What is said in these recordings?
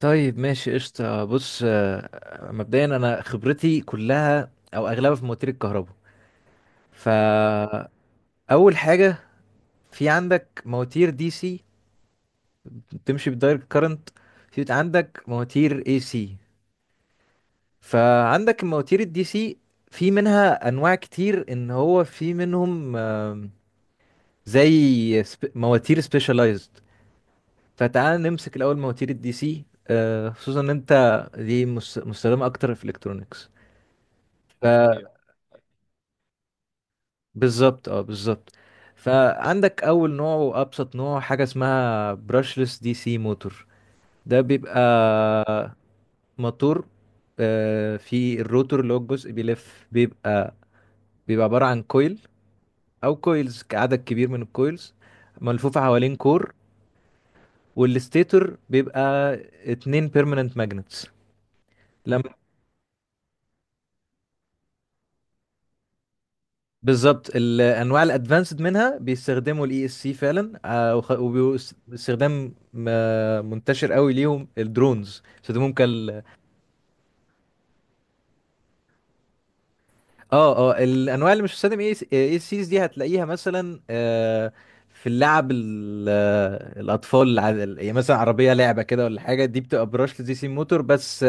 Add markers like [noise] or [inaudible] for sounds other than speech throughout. طيب ماشي قشطة. بص مبدئيا أنا خبرتي كلها أو أغلبها في مواتير الكهرباء. فأول حاجة، في عندك مواتير دي سي بتمشي بالدايركت كارنت، في عندك مواتير اي سي. فعندك المواتير الدي سي في منها أنواع كتير، إن هو في منهم زي مواتير سبيشالايزد. فتعال نمسك الأول مواتير الدي سي، خصوصا إن أنت دي مستخدمة أكتر في الإلكترونيكس. بالظبط، اه بالظبط. فعندك اول نوع وابسط نوع حاجه اسمها براشلس دي سي موتور. ده بيبقى موتور، في الروتور اللي هو الجزء بيلف، بيبقى عباره عن كويل او كويلز، عدد كبير من الكويلز ملفوفه حوالين كور. والستيتور بيبقى اتنين بيرمننت ماجنتس. بالظبط، الانواع الادفانسد منها بيستخدموا الاي اس سي فعلا، واستخدام منتشر قوي ليهم، الدرونز بيستخدموهم كال. اه اه، الانواع اللي مش بتستخدم اي اس سيز دي هتلاقيها مثلا في اللعب الاطفال يعني مثلا عربيه لعبه كده ولا حاجه، دي بتبقى براشلس دي سي موتور بس.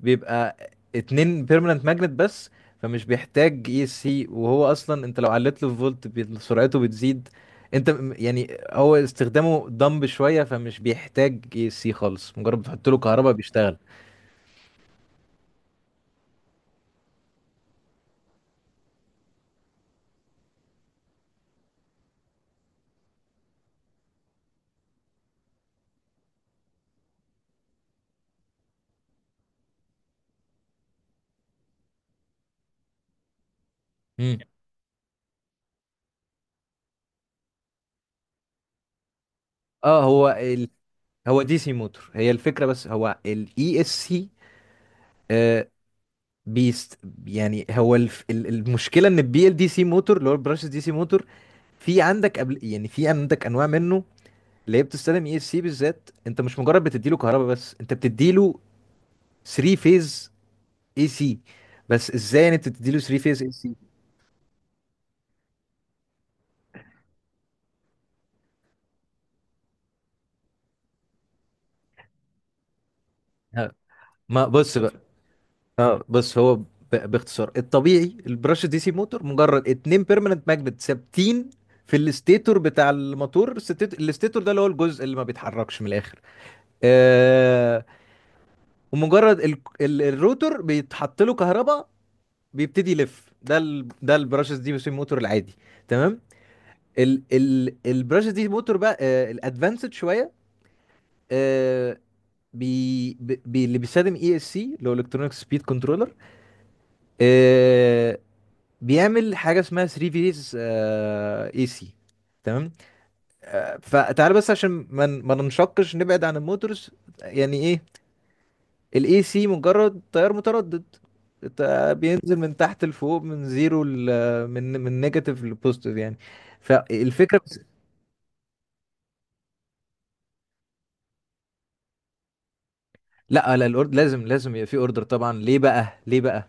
بيبقى اتنين بيرمننت ماجنت بس، فمش بيحتاج اي اس سي. وهو اصلا انت لو علت له فولت سرعته بتزيد. انت يعني هو استخدامه دمب شويه، فمش بيحتاج اي اس سي خالص، مجرد بتحط له كهرباء بيشتغل. مم. اه، هو دي سي موتور، هي الفكره. بس هو الاي اس سي بيست، يعني المشكله ان البي ال دي سي موتور اللي هو البراشس دي سي موتور، في عندك انواع منه ليه بتستخدم اي سي بالذات. انت مش مجرد بتديله كهرباء بس، انت بتديله 3 فيز اي سي. بس ازاي يعني انت بتديله 3 فيز اي سي؟ ما بص بقى. اه بص، باختصار الطبيعي البرش دي سي موتور مجرد اتنين بيرمننت ماجنت ثابتين في الاستيتور بتاع الموتور. الاستيتور ده اللي هو الجزء اللي ما بيتحركش من الاخر. آه. ومجرد الروتور بيتحط له كهرباء بيبتدي يلف. ده البرشس دي سي موتور العادي. تمام. ال البراشوت دي موتور بقى الادفانسد شويه، آه، بي بي اللي بيستخدم اي اس سي اللي هو الكترونيك سبيد كنترولر. بيعمل حاجه اسمها 3 فيز اي سي. تمام. فتعال بس عشان ما ننشقش نبعد عن الموتورز. يعني ايه الاي سي؟ مجرد تيار متردد، بينزل من تحت لفوق، من زيرو من نيجاتيف لبوزيتيف يعني. فالفكره، لا لا، الاوردر لازم، لازم يبقى في اوردر طبعا. ليه بقى؟ ليه بقى؟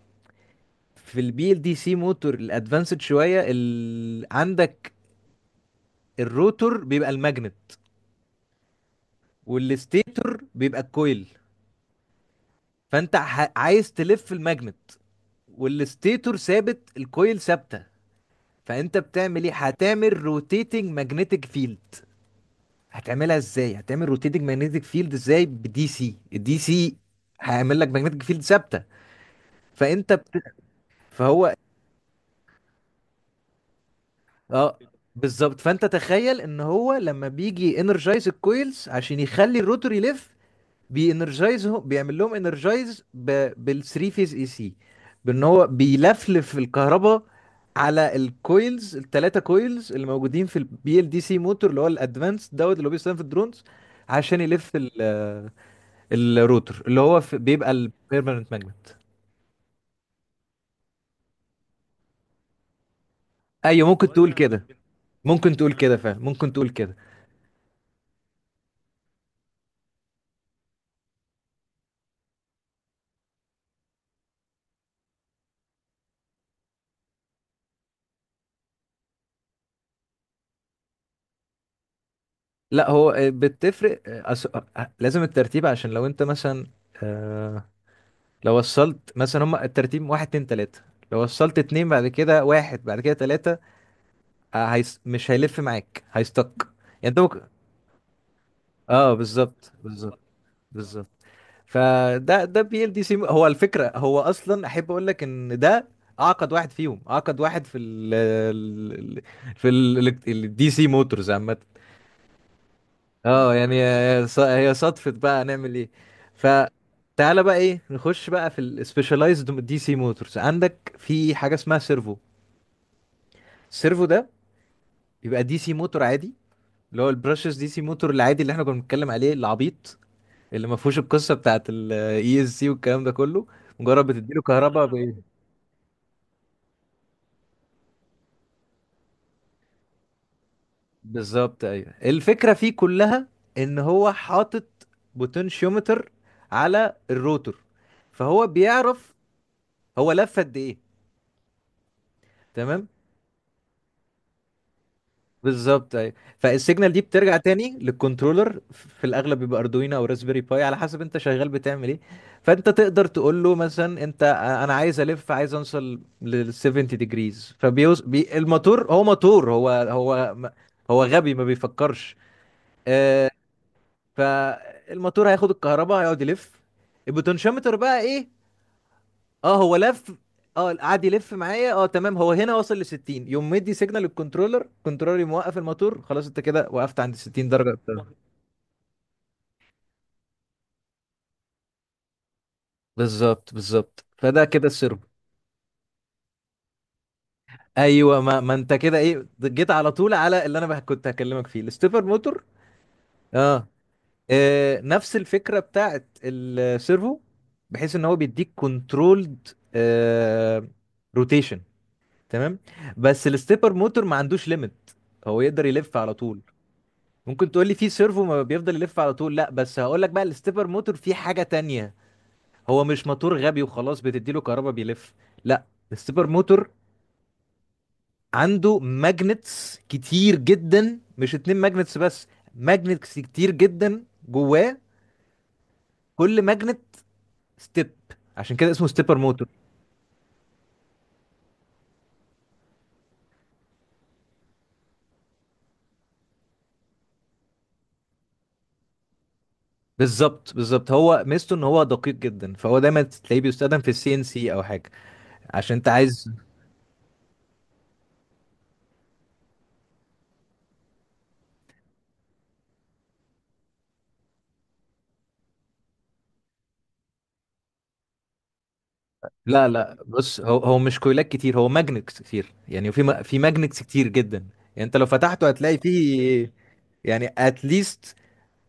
في البي ال دي سي موتور الادفانسد شويه عندك الروتور بيبقى الماجنت والستيتور بيبقى الكويل. عايز تلف الماجنت، والستيتور ثابت، الكويل ثابته. فانت بتعمل ايه؟ هتعمل روتيتنج ماجنتيك فيلد. هتعملها ازاي؟ هتعمل روتيتنج ماجنتيك فيلد ازاي بدي سي؟ الدي سي هيعمل لك ماجنتيك فيلد ثابته. فانت بت... فهو اه بالظبط. فانت تخيل ان هو لما بيجي انرجايز الكويلز عشان يخلي الروتور يلف، بينرجايزهم بيعمل لهم انرجايز بالثري فيز اي سي، بان هو بيلفلف الكهرباء على الكويلز، الثلاثه كويلز اللي موجودين في البي ال دي سي موتور اللي هو الادفانس دوت اللي هو بيستخدم في الدرونز، عشان يلف الروتر اللي هو في بيبقى البيرمننت ماجنت. ايوه ممكن تقول كده، ممكن تقول كده فعلا، ممكن تقول كده. لا هو بتفرق، لازم الترتيب. عشان لو انت مثلا آه، لو وصلت مثلا، هما الترتيب واحد اتنين تلاتة، لو وصلت اتنين بعد كده واحد بعد كده تلاتة، هيس مش هيلف معاك، هيستك يعني. انت ممكن اه، بالظبط بالظبط بالظبط. فده ده بي ال دي سي، هو الفكرة. هو اصلا احب اقول لك ان ده اعقد واحد فيهم، اعقد واحد في في الدي سي موتورز عامة. اه يعني هي صدفة بقى، هنعمل ايه. فتعالى بقى ايه نخش بقى في السبيشالايزد دي سي موتورز. عندك في حاجة اسمها سيرفو. السيرفو ده بيبقى دي سي موتور عادي، اللي هو البرشس دي سي موتور العادي اللي احنا كنا بنتكلم عليه العبيط، اللي ما فيهوش القصة بتاعت الاي اس سي والكلام ده كله. مجرد بتديله كهرباء بالظبط ايوه. الفكرة فيه كلها ان هو حاطط بوتنشيومتر على الروتور، فهو بيعرف هو لف قد ايه. تمام بالظبط ايوه. فالسيجنال دي بترجع تاني للكنترولر، في الاغلب بيبقى اردوينو او راسبيري باي، على حسب انت شغال بتعمل ايه. فانت تقدر تقول له مثلا، انت انا عايز الف، عايز اوصل لل 70 ديجريز، فبيوز بي الموتور. هو موتور، هو غبي ما بيفكرش. آه، فالموتور هياخد الكهرباء، هيقعد يلف. البوتنشيومتر بقى ايه؟ اه هو لف، اه قعد يلف معايا، اه تمام هو هنا وصل ل 60، يوم مدي سيجنال للكنترولر، كنترولر يقوم موقف الموتور، خلاص انت كده وقفت عند 60 درجه بتاع. بالظبط بالظبط، فده كده السيرفو. ايوه، ما انت كده ايه جيت على طول على اللي انا بقى كنت هكلمك فيه، الستيبر موتور. اه. نفس الفكره بتاعت السيرفو، بحيث ان هو بيديك كنترولد روتيشن. تمام. بس الستيبر موتور ما عندوش ليميت، هو يقدر يلف على طول. ممكن تقول لي في سيرفو ما بيفضل يلف على طول، لا بس هقول لك بقى الستيبر موتور فيه حاجة تانية. هو مش موتور غبي وخلاص بتديله كهرباء بيلف، لا. الستيبر موتور عنده ماجنتس كتير جدا، مش اتنين ماجنتس بس، ماجنتس كتير جدا جواه. كل ماجنت ستيب، عشان كده اسمه ستيبر موتور. بالظبط بالظبط. هو ميزته ان هو دقيق جدا، فهو دايما تلاقيه بيستخدم في السي ان سي او حاجة. عشان انت عايز، لا لا بص، هو مش كويلات كتير، هو ماجنتس كتير. يعني في في ماجنتس كتير جدا، يعني انت لو فتحته هتلاقي فيه، يعني اتليست،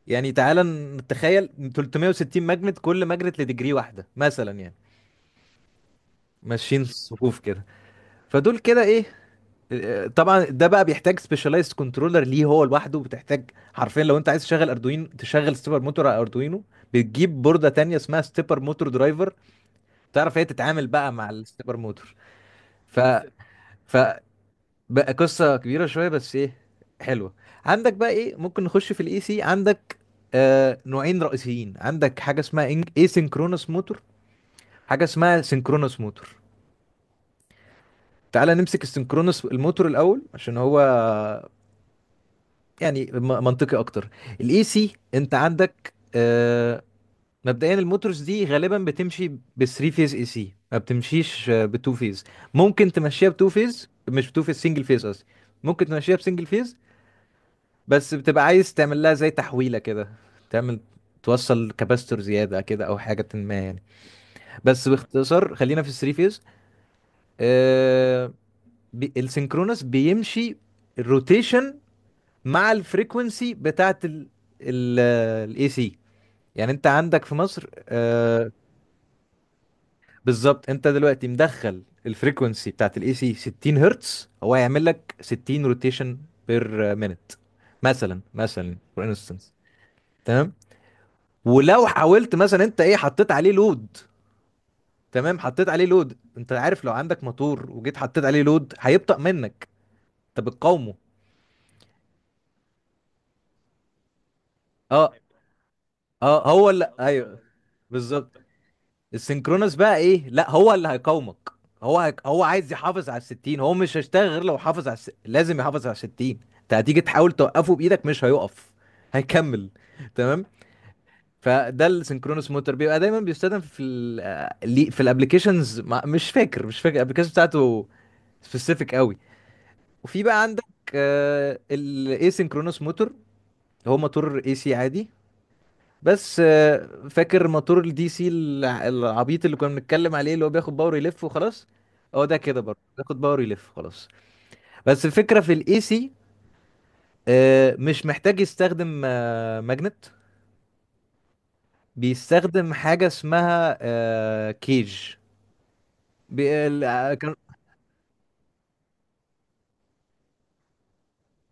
يعني تعالى نتخيل 360 ماجنت، كل ماجنت لديجري واحده مثلا يعني، ماشيين صفوف كده. فدول كده ايه، طبعا ده بقى بيحتاج سبيشالايزد كنترولر ليه هو لوحده بتحتاج. حرفيا لو انت عايز تشغل اردوين، تشغل ستيبر موتور على اردوينو، بتجيب بورده تانية اسمها ستيبر موتور درايفر، تعرف هي تتعامل بقى مع الستيبر موتور. ف ف بقى قصة كبيرة شوية، بس ايه، حلوة. عندك بقى ايه، ممكن نخش في الاي سي. عندك آه نوعين رئيسيين، عندك حاجة اسمها اي سينكرونس موتور، حاجة اسمها سينكرونس موتور. تعالى نمسك السينكرونس الموتور الأول عشان هو يعني منطقي أكتر. الاي سي انت عندك آه، مبدئيا الموتورز دي غالبا بتمشي بثري فيز اي سي، ما بتمشيش بتو فيز. ممكن تمشيها بتو فيز، مش بتو فيز سنجل فيز قصدي، ممكن تمشيها بسنجل فيز، بس بتبقى عايز تعمل لها زي تحويلة كده، تعمل توصل كباستور زيادة كده أو حاجة ما يعني. بس باختصار خلينا في الثري فيز. آه، بي السينكرونس بيمشي الروتيشن مع الفريكونسي بتاعت ال الاي سي. يعني انت عندك في مصر آه، بالظبط. انت دلوقتي مدخل الفريكونسي بتاعت الاي سي 60 هرتز، هو هيعمل لك 60 روتيشن بير مينت، مثلا فور انستنس. ولو حاولت مثلا انت ايه حطيت عليه لود، تمام حطيت عليه لود، انت عارف لو عندك موتور وجيت حطيت عليه لود هيبطأ منك، انت بتقاومه. اه اه، هو اللي ايوه بالظبط. السينكرونس بقى ايه، لا هو اللي هيقاومك. هو عايز يحافظ على الستين، هو مش هيشتغل غير لو حافظ على لازم يحافظ على الستين. انت هتيجي تحاول توقفه بايدك مش هيقف، هيكمل. تمام. فده السynchronous motor بيبقى دايما بيستخدم في في الابلكيشنز. مش فاكر، مش فاكر الابلكيشن بتاعته، سبيسيفيك قوي. وفي بقى عندك الاي سينكرونوس موتور. هو موتور اي سي عادي، بس فاكر موتور الدي سي العبيط اللي كنا بنتكلم عليه، اللي هو بياخد باور يلف وخلاص، هو ده كده برضه بياخد باور يلف خلاص. بس الفكرة في الاي سي مش محتاج يستخدم ماجنت، بيستخدم حاجة اسمها كيج، كان.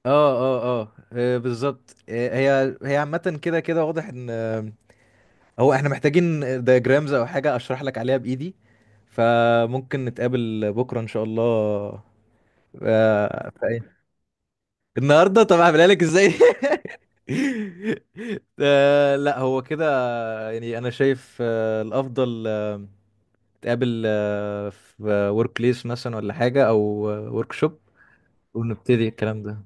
اه اه اه، بالظبط. هي عامة كده كده واضح ان هو احنا محتاجين دياجرامز او حاجة اشرح لك عليها بايدي. فممكن نتقابل بكرة ان شاء الله، في النهاردة؟ طب هعملها لك ازاي؟ [laughs] لا هو كده يعني، انا شايف الافضل نتقابل في ورك بليس مثلا ولا حاجة، او ورك شوب، ونبتدي الكلام ده.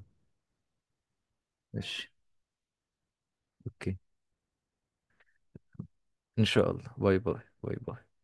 ماشي. اوكي. ان شاء الله. باي باي.